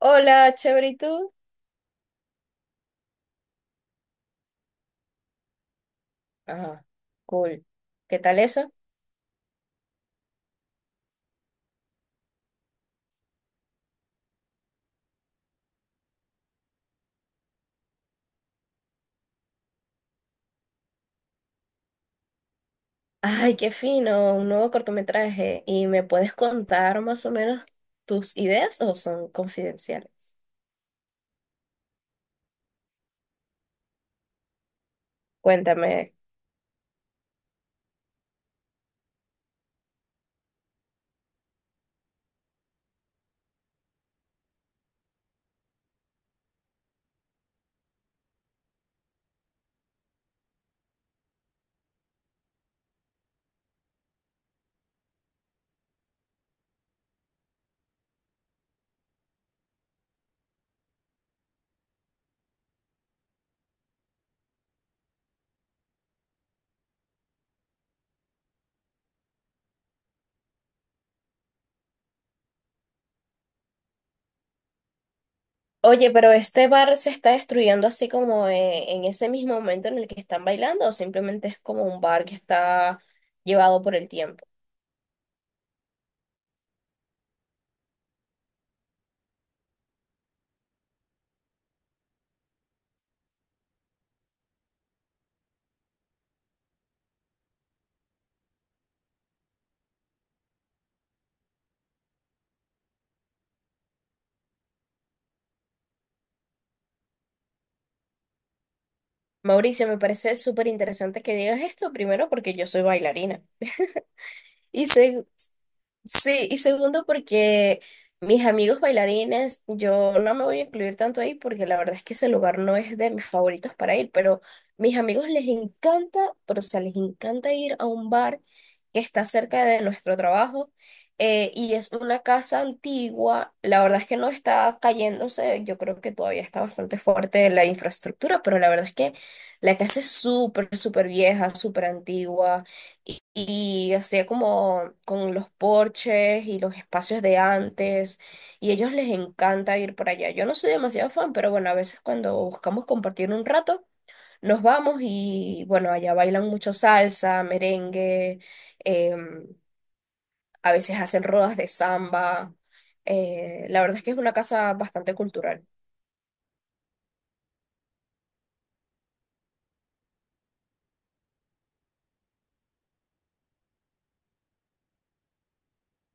Hola, chévere, ¿y tú? Ajá, cool. ¿Qué tal eso? Ay, qué fino, un nuevo cortometraje. ¿Y me puedes contar más o menos tus ideas o son confidenciales? Cuéntame. Oye, pero este bar se está destruyendo así como en ese mismo momento en el que están bailando, o simplemente es como un bar que está llevado por el tiempo. Mauricio, me parece súper interesante que digas esto, primero porque yo soy bailarina. y seg- Sí, y segundo porque mis amigos bailarines, yo no me voy a incluir tanto ahí porque la verdad es que ese lugar no es de mis favoritos para ir, pero mis amigos les encanta. Pero o sea, les encanta ir a un bar que está cerca de nuestro trabajo, y es una casa antigua. La verdad es que no está cayéndose, yo creo que todavía está bastante fuerte la infraestructura, pero la verdad es que la casa es súper, súper vieja, súper antigua, y hacía como con los porches y los espacios de antes, y a ellos les encanta ir para allá. Yo no soy demasiado fan, pero bueno, a veces cuando buscamos compartir un rato, nos vamos y bueno, allá bailan mucho salsa, merengue, em, a veces hacen rodas de samba. La verdad es que es una casa bastante cultural.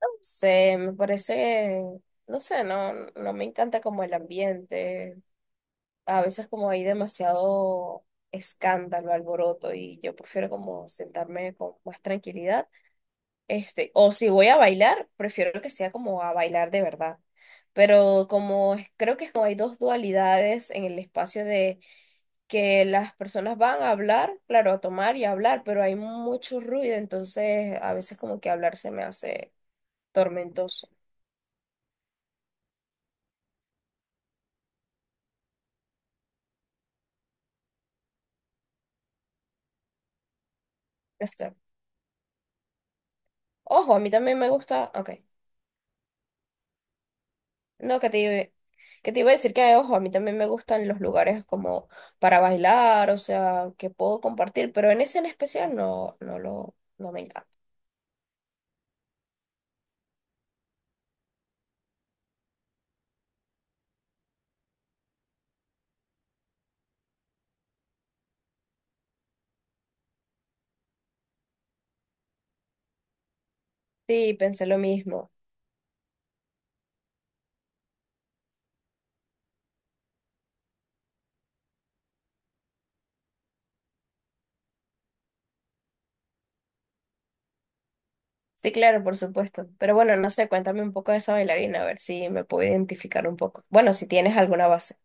No sé, me parece, no sé, no, no me encanta como el ambiente. A veces como hay demasiado escándalo, alboroto, y yo prefiero como sentarme con más tranquilidad. Este, o si voy a bailar, prefiero que sea como a bailar de verdad. Pero creo que es como hay dos dualidades en el espacio de que las personas van a hablar, claro, a tomar y a hablar, pero hay mucho ruido, entonces a veces como que hablar se me hace tormentoso. Este, ojo, a mí también me gusta, ok. No, que te iba a decir que, ojo, a mí también me gustan los lugares como para bailar, o sea, que puedo compartir, pero en ese en especial no, no me encanta. Sí, pensé lo mismo. Sí, claro, por supuesto. Pero bueno, no sé, cuéntame un poco de esa bailarina, a ver si me puedo identificar un poco. Bueno, si tienes alguna base.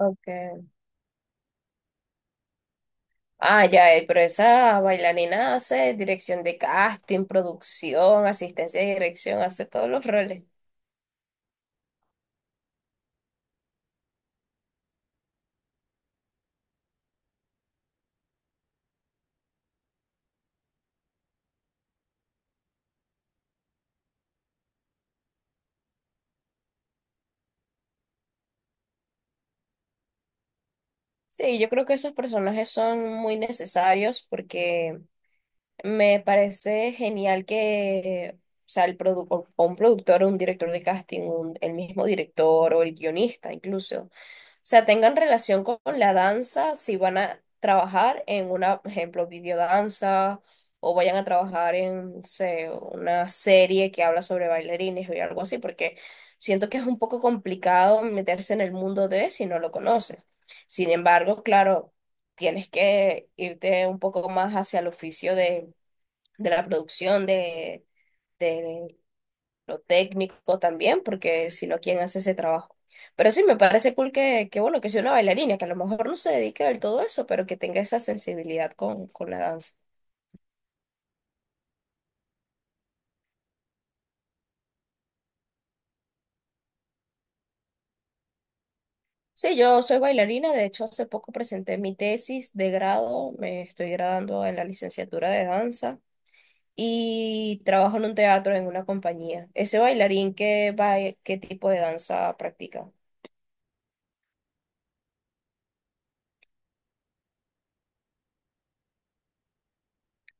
Okay. Ah, ya, pero esa bailarina hace dirección de casting, producción, asistencia de dirección, hace todos los roles. Sí, yo creo que esos personajes son muy necesarios porque me parece genial que, o sea, o un productor, o un director de casting, el mismo director o el guionista incluso, o sea, tengan relación con la danza si van a trabajar en una, por ejemplo, videodanza, o vayan a trabajar en, no sé, una serie que habla sobre bailarines o algo así, porque siento que es un poco complicado meterse en el mundo de si no lo conoces. Sin embargo, claro, tienes que irte un poco más hacia el oficio de la producción, de lo técnico también, porque si no, ¿quién hace ese trabajo? Pero sí, me parece cool que bueno, que sea una bailarina, que a lo mejor no se dedique del todo a eso, pero que tenga esa sensibilidad con la danza. Sí, yo soy bailarina, de hecho hace poco presenté mi tesis de grado, me estoy graduando en la licenciatura de danza y trabajo en un teatro, en una compañía. ¿Ese bailarín qué, qué tipo de danza practica?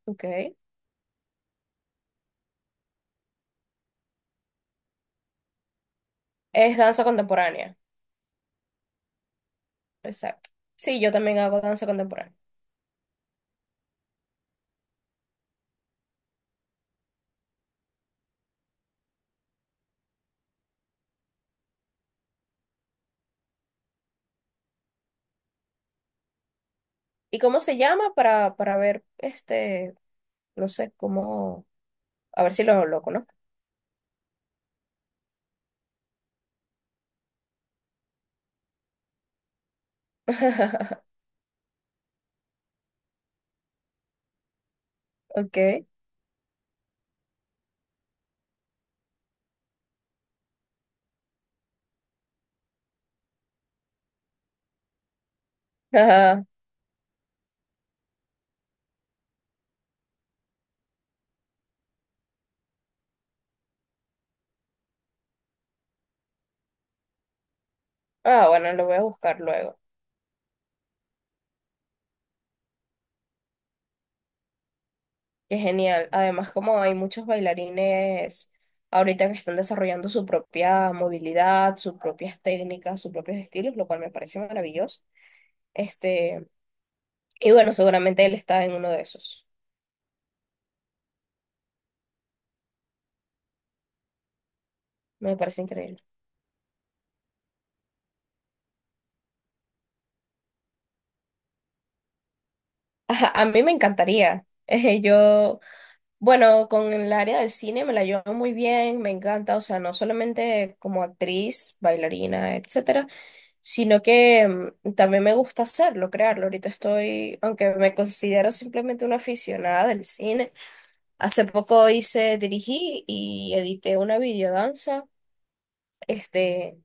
Ok. Es danza contemporánea. Exacto. Sí, yo también hago danza contemporánea. ¿Y cómo se llama? Para ver, este, no sé, cómo, a ver si lo, lo conozco. Ok. Ajá. Ah, bueno, lo voy a buscar luego. Qué genial. Además, como hay muchos bailarines ahorita que están desarrollando su propia movilidad, sus propias técnicas, sus propios estilos, lo cual me parece maravilloso. Este, y bueno, seguramente él está en uno de esos. Me parece increíble. Ajá, a mí me encantaría. Yo, bueno, con el área del cine me la llevo muy bien, me encanta, o sea, no solamente como actriz, bailarina, etcétera, sino que también me gusta hacerlo, crearlo. Ahorita estoy, aunque me considero simplemente una aficionada del cine, hace poco hice, dirigí y edité una videodanza, este,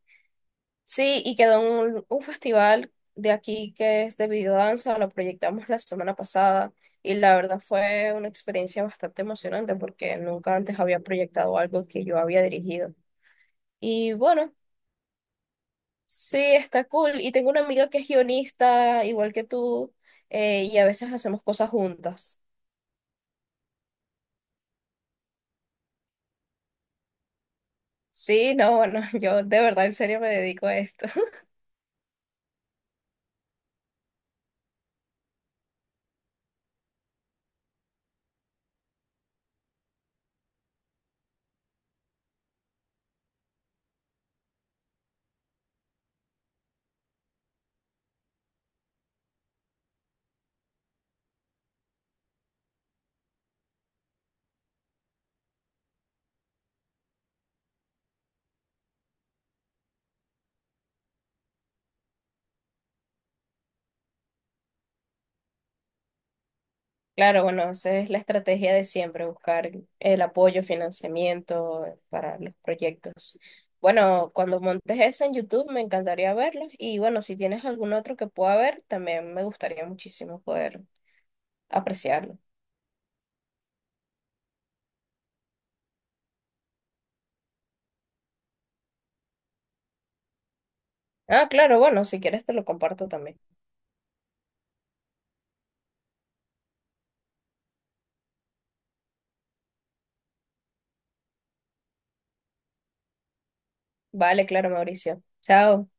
sí, y quedó en un festival de aquí que es de videodanza, lo proyectamos la semana pasada, y la verdad fue una experiencia bastante emocionante porque nunca antes había proyectado algo que yo había dirigido. Y bueno, sí, está cool. Y tengo una amiga que es guionista, igual que tú, y a veces hacemos cosas juntas. Sí, no, bueno, yo de verdad en serio me dedico a esto. Claro, bueno, esa es la estrategia de siempre, buscar el apoyo, financiamiento para los proyectos. Bueno, cuando montes eso en YouTube me encantaría verlos, y bueno, si tienes algún otro que pueda ver, también me gustaría muchísimo poder apreciarlo. Ah, claro, bueno, si quieres te lo comparto también. Vale, claro, Mauricio. Chao.